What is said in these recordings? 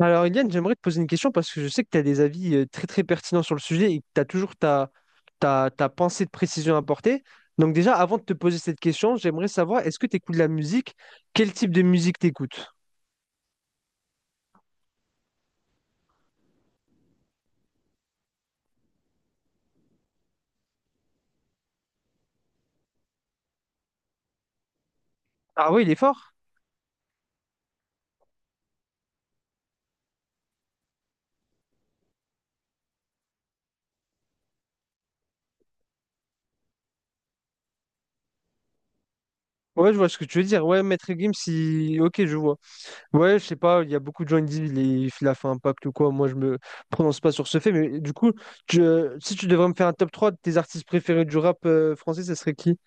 Alors, Eliane, j'aimerais te poser une question parce que je sais que tu as des avis très très pertinents sur le sujet et que tu as toujours ta pensée de précision à apporter. Donc déjà, avant de te poser cette question, j'aimerais savoir, est-ce que tu écoutes de la musique? Quel type de musique t'écoutes? Ah oui, il est fort. Ouais, je vois ce que tu veux dire. Ouais, Maître Gims, si... Ok, je vois. Ouais, je sais pas, il y a beaucoup de gens qui disent il a fait un pacte ou quoi. Moi, je me prononce pas sur ce fait, mais du coup, si tu devrais me faire un top 3 de tes artistes préférés du rap français, ça serait qui?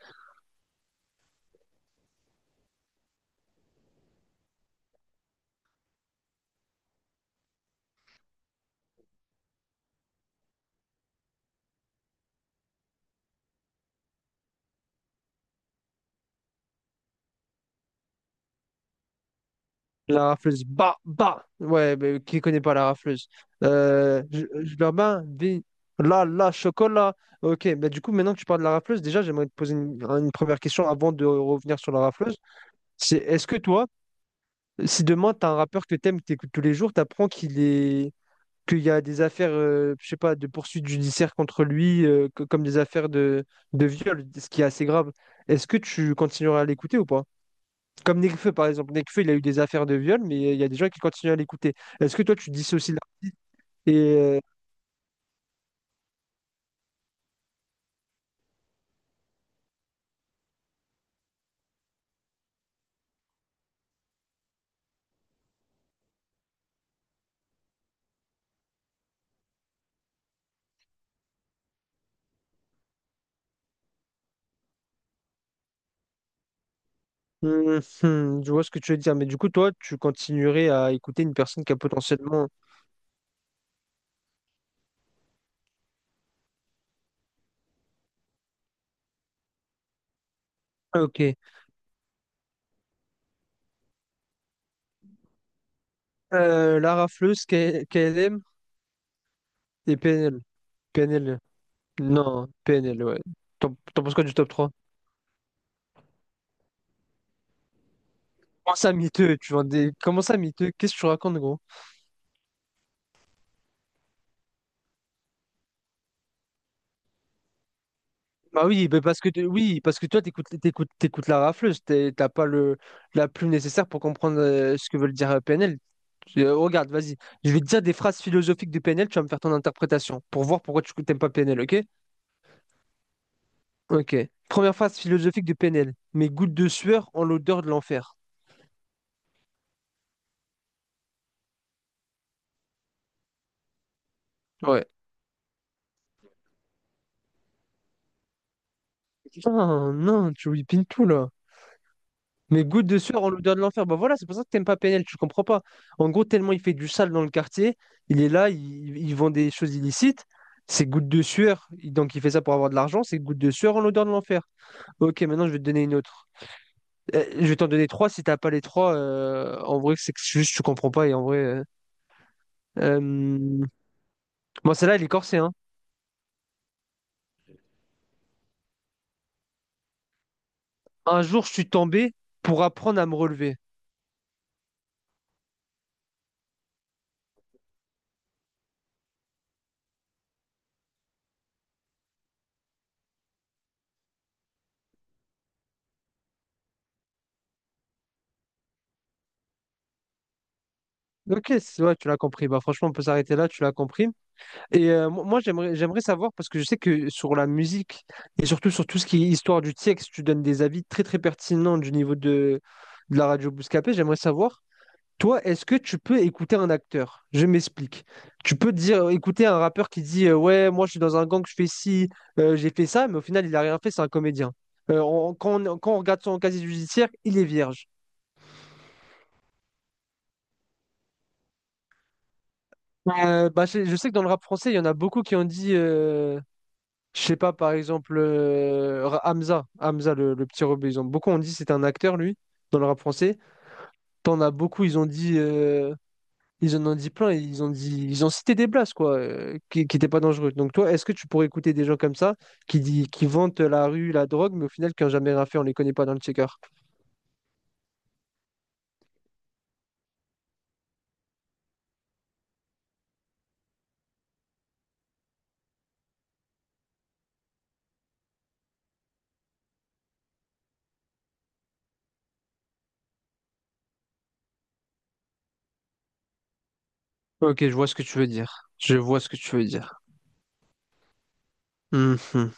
La rafleuse. Bah, bah! Ouais, mais qui connaît pas la rafleuse? Je leur mets un des- Là, là, chocolat. Ok, bah du coup, maintenant que tu parles de la rafleuse, déjà, j'aimerais te poser une première question avant de revenir sur la rafleuse. C'est est-ce que toi, si demain, t'as un rappeur que t'aimes, que t'écoutes tous les jours, t'apprends qu'il y a des affaires, je sais pas, de poursuites judiciaires contre lui, comme des affaires de viol, ce qui est assez grave. Est-ce que tu continueras à l'écouter ou pas? Comme Nekfeu, par exemple. Nekfeu, il a eu des affaires de viol, mais il y a des gens qui continuent à l'écouter. Est-ce que toi, tu dissocies l'artiste et... euh, je vois ce que tu veux dire, mais du coup, toi, tu continuerais à écouter une personne qui a potentiellement... Ah, Ok. Lara Fleuse, KLM et PNL. PNL. Non, PNL, ouais. T'en penses quoi du top trois? Comment ça miteux? Tu vends des... Comment ça miteux? Qu'est-ce que tu racontes, gros? Bah oui, bah parce que oui, parce que toi, t'écoutes la rafleuse, t'as pas le la plume nécessaire pour comprendre ce que veut le dire PNL. Regarde, vas-y, je vais te dire des phrases philosophiques de PNL, tu vas me faire ton interprétation pour voir pourquoi tu t'aimes pas PNL, ok? Ok. Première phrase philosophique de PNL. Mes gouttes de sueur ont l'odeur de l'enfer. Ouais. Putain, non, tu whippines tout là. Mais goutte de sueur en l'odeur de l'enfer. Bah voilà, c'est pour ça que t'aimes pas PNL, tu comprends pas. En gros, tellement il fait du sale dans le quartier, il est là, il vend des choses illicites. C'est goutte de sueur, donc il fait ça pour avoir de l'argent, c'est goutte de sueur en l'odeur de l'enfer. Ok, maintenant je vais te donner une autre. Je vais t'en donner trois, si t'as pas les trois, en vrai, c'est que juste tu comprends pas et en vrai. Euh, Bon, celle-là, elle est corsée, hein. Un jour, je suis tombé pour apprendre à me relever. Ok, ouais, tu l'as compris. Bah franchement, on peut s'arrêter là, tu l'as compris. Et moi, j'aimerais savoir, parce que je sais que sur la musique, et surtout sur tout ce qui est histoire du texte, tu donnes des avis très très pertinents du niveau de la radio Bouscapé. J'aimerais savoir, toi, est-ce que tu peux écouter un acteur? Je m'explique. Tu peux dire, écouter un rappeur qui dit, ouais, moi je suis dans un gang, je fais ci, j'ai fait ça, mais au final, il n'a rien fait, c'est un comédien. Quand on regarde son casier judiciaire, il est vierge. Bah, je sais que dans le rap français, il y en a beaucoup qui ont dit. Je sais pas, par exemple, Hamza, le petit rebeu, ils ont beaucoup, on dit c'est un acteur, lui, dans le rap français. T'en as beaucoup, ils ont dit ils en ont dit plein, ils ont cité des blagues quoi, qui n'étaient pas dangereuses. Donc toi, est-ce que tu pourrais écouter des gens comme ça qui vantent la rue, la drogue, mais au final qui n'ont jamais rien fait, on les connaît pas dans le checker. Ok, je vois ce que tu veux dire. Je vois ce que tu veux dire. Mhm.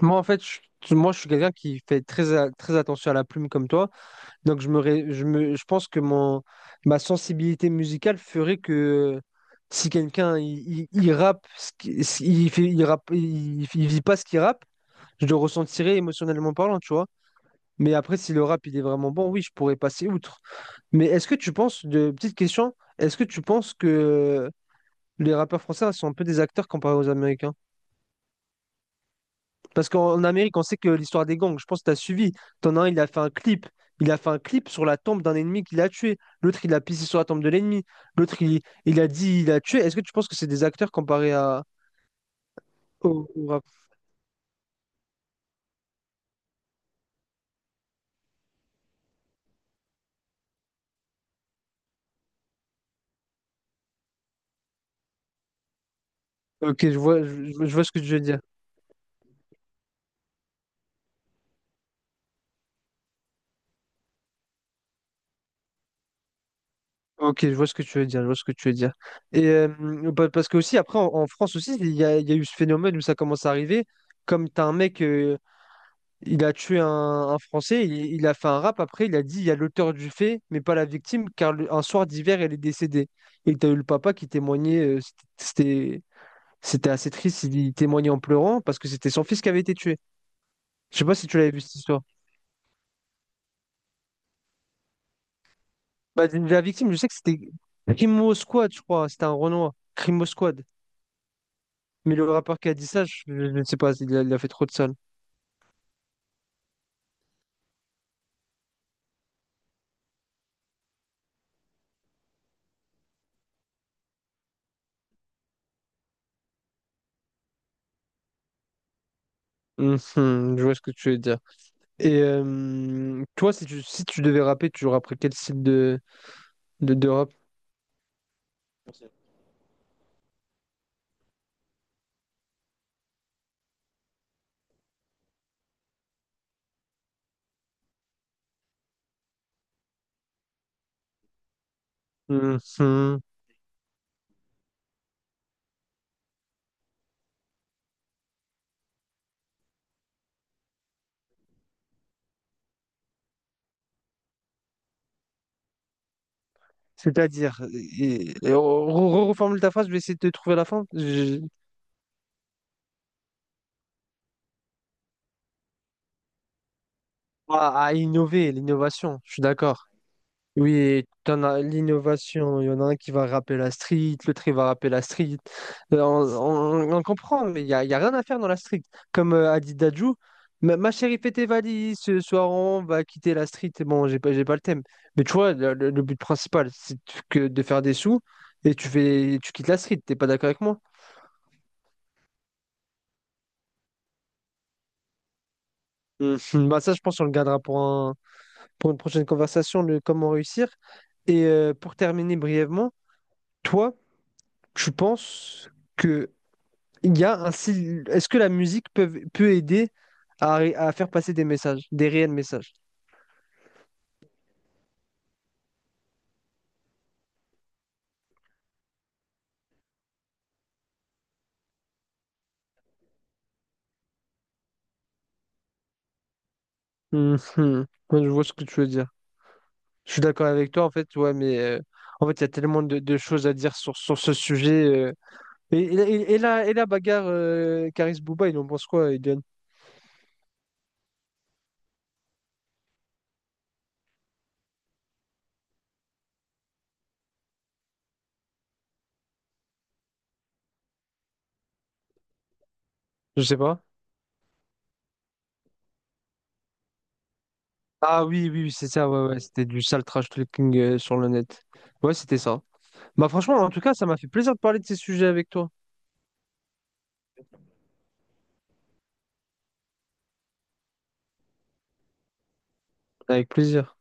Moi, en fait, je suis quelqu'un qui fait très attention à la plume comme toi. Donc je me, ré- je me, je pense que ma sensibilité musicale ferait que si quelqu'un il rappe, ce qui- ce- il fait, il vit pas ce qu'il rappe, je le ressentirais émotionnellement parlant, tu vois. Mais après, si le rap il est vraiment bon, oui, je pourrais passer outre. Mais est-ce que tu penses, de petite question, est-ce que tu penses que les rappeurs français sont un peu des acteurs comparés aux Américains? Parce qu'en Amérique, on sait que l'histoire des gangs, je pense que tu as suivi. T'en as un, il a fait un clip. Il a fait un clip sur la tombe d'un ennemi qu'il a tué. L'autre, il a pissé sur la tombe de l'ennemi. L'autre, il a dit, il a tué. Est-ce que tu penses que c'est des acteurs comparés au rap? Ok, je vois ce que tu veux dire. Ok, je vois ce que tu veux dire. Je vois ce que tu veux dire. Et parce que aussi, après, en France aussi, il y a eu ce phénomène où ça commence à arriver. Comme t'as un mec. Il a tué un Français, il a fait un rap après, il a dit il y a l'auteur du fait, mais pas la victime, car un soir d'hiver, elle est décédée. Et t'as eu le papa qui témoignait, c'était c'était assez triste, il témoignait en pleurant parce que c'était son fils qui avait été tué. Je sais pas si tu l'avais vu cette histoire. Bah, la victime, je sais que c'était Crimo Squad, je crois, c'était un Renoir, Crimo Squad. Mais le rappeur qui a dit ça, je ne sais pas, il a fait trop de sale. Mhm, je vois ce que tu veux dire. Et toi, si tu devais rapper, tu rapperais quel style de rap? Mhm. C'est-à-dire, et on reformule ta phrase, je vais essayer de trouver la fin. Je- À innover, l'innovation, je suis d'accord. Oui, t'en as l'innovation, il y en a un qui va rappeler la street, l'autre il va rappeler la street. On comprend, mais il y a rien à faire dans la street. Comme a dit Dadju, ma chérie, fais tes valises, ce soir on va quitter la street. Bon, j'ai pas le thème. Mais tu vois, le but principal, c'est que de faire des sous et tu fais, tu quittes la street, t'es pas d'accord avec moi? Mhm. Bah ça, je pense qu'on le gardera pour une prochaine conversation, le comment réussir. Et pour terminer brièvement, toi, tu penses que il y a un sil- est-ce que la musique peut aider à faire passer des réels messages? Mhm. Ouais, je vois ce que tu veux dire. Je suis d'accord avec toi, en fait, ouais, mais en fait, il y a tellement de choses à dire sur ce sujet. Et la bagarre Karis Bouba, il en pense quoi, Eden? Je sais pas. Ah oui, oui, oui, c'est ça, ouais, ouais, c'était du sale trash talking sur le net. Ouais, c'était ça. Bah franchement, en tout cas, ça m'a fait plaisir de parler de ces sujets avec toi. Avec plaisir.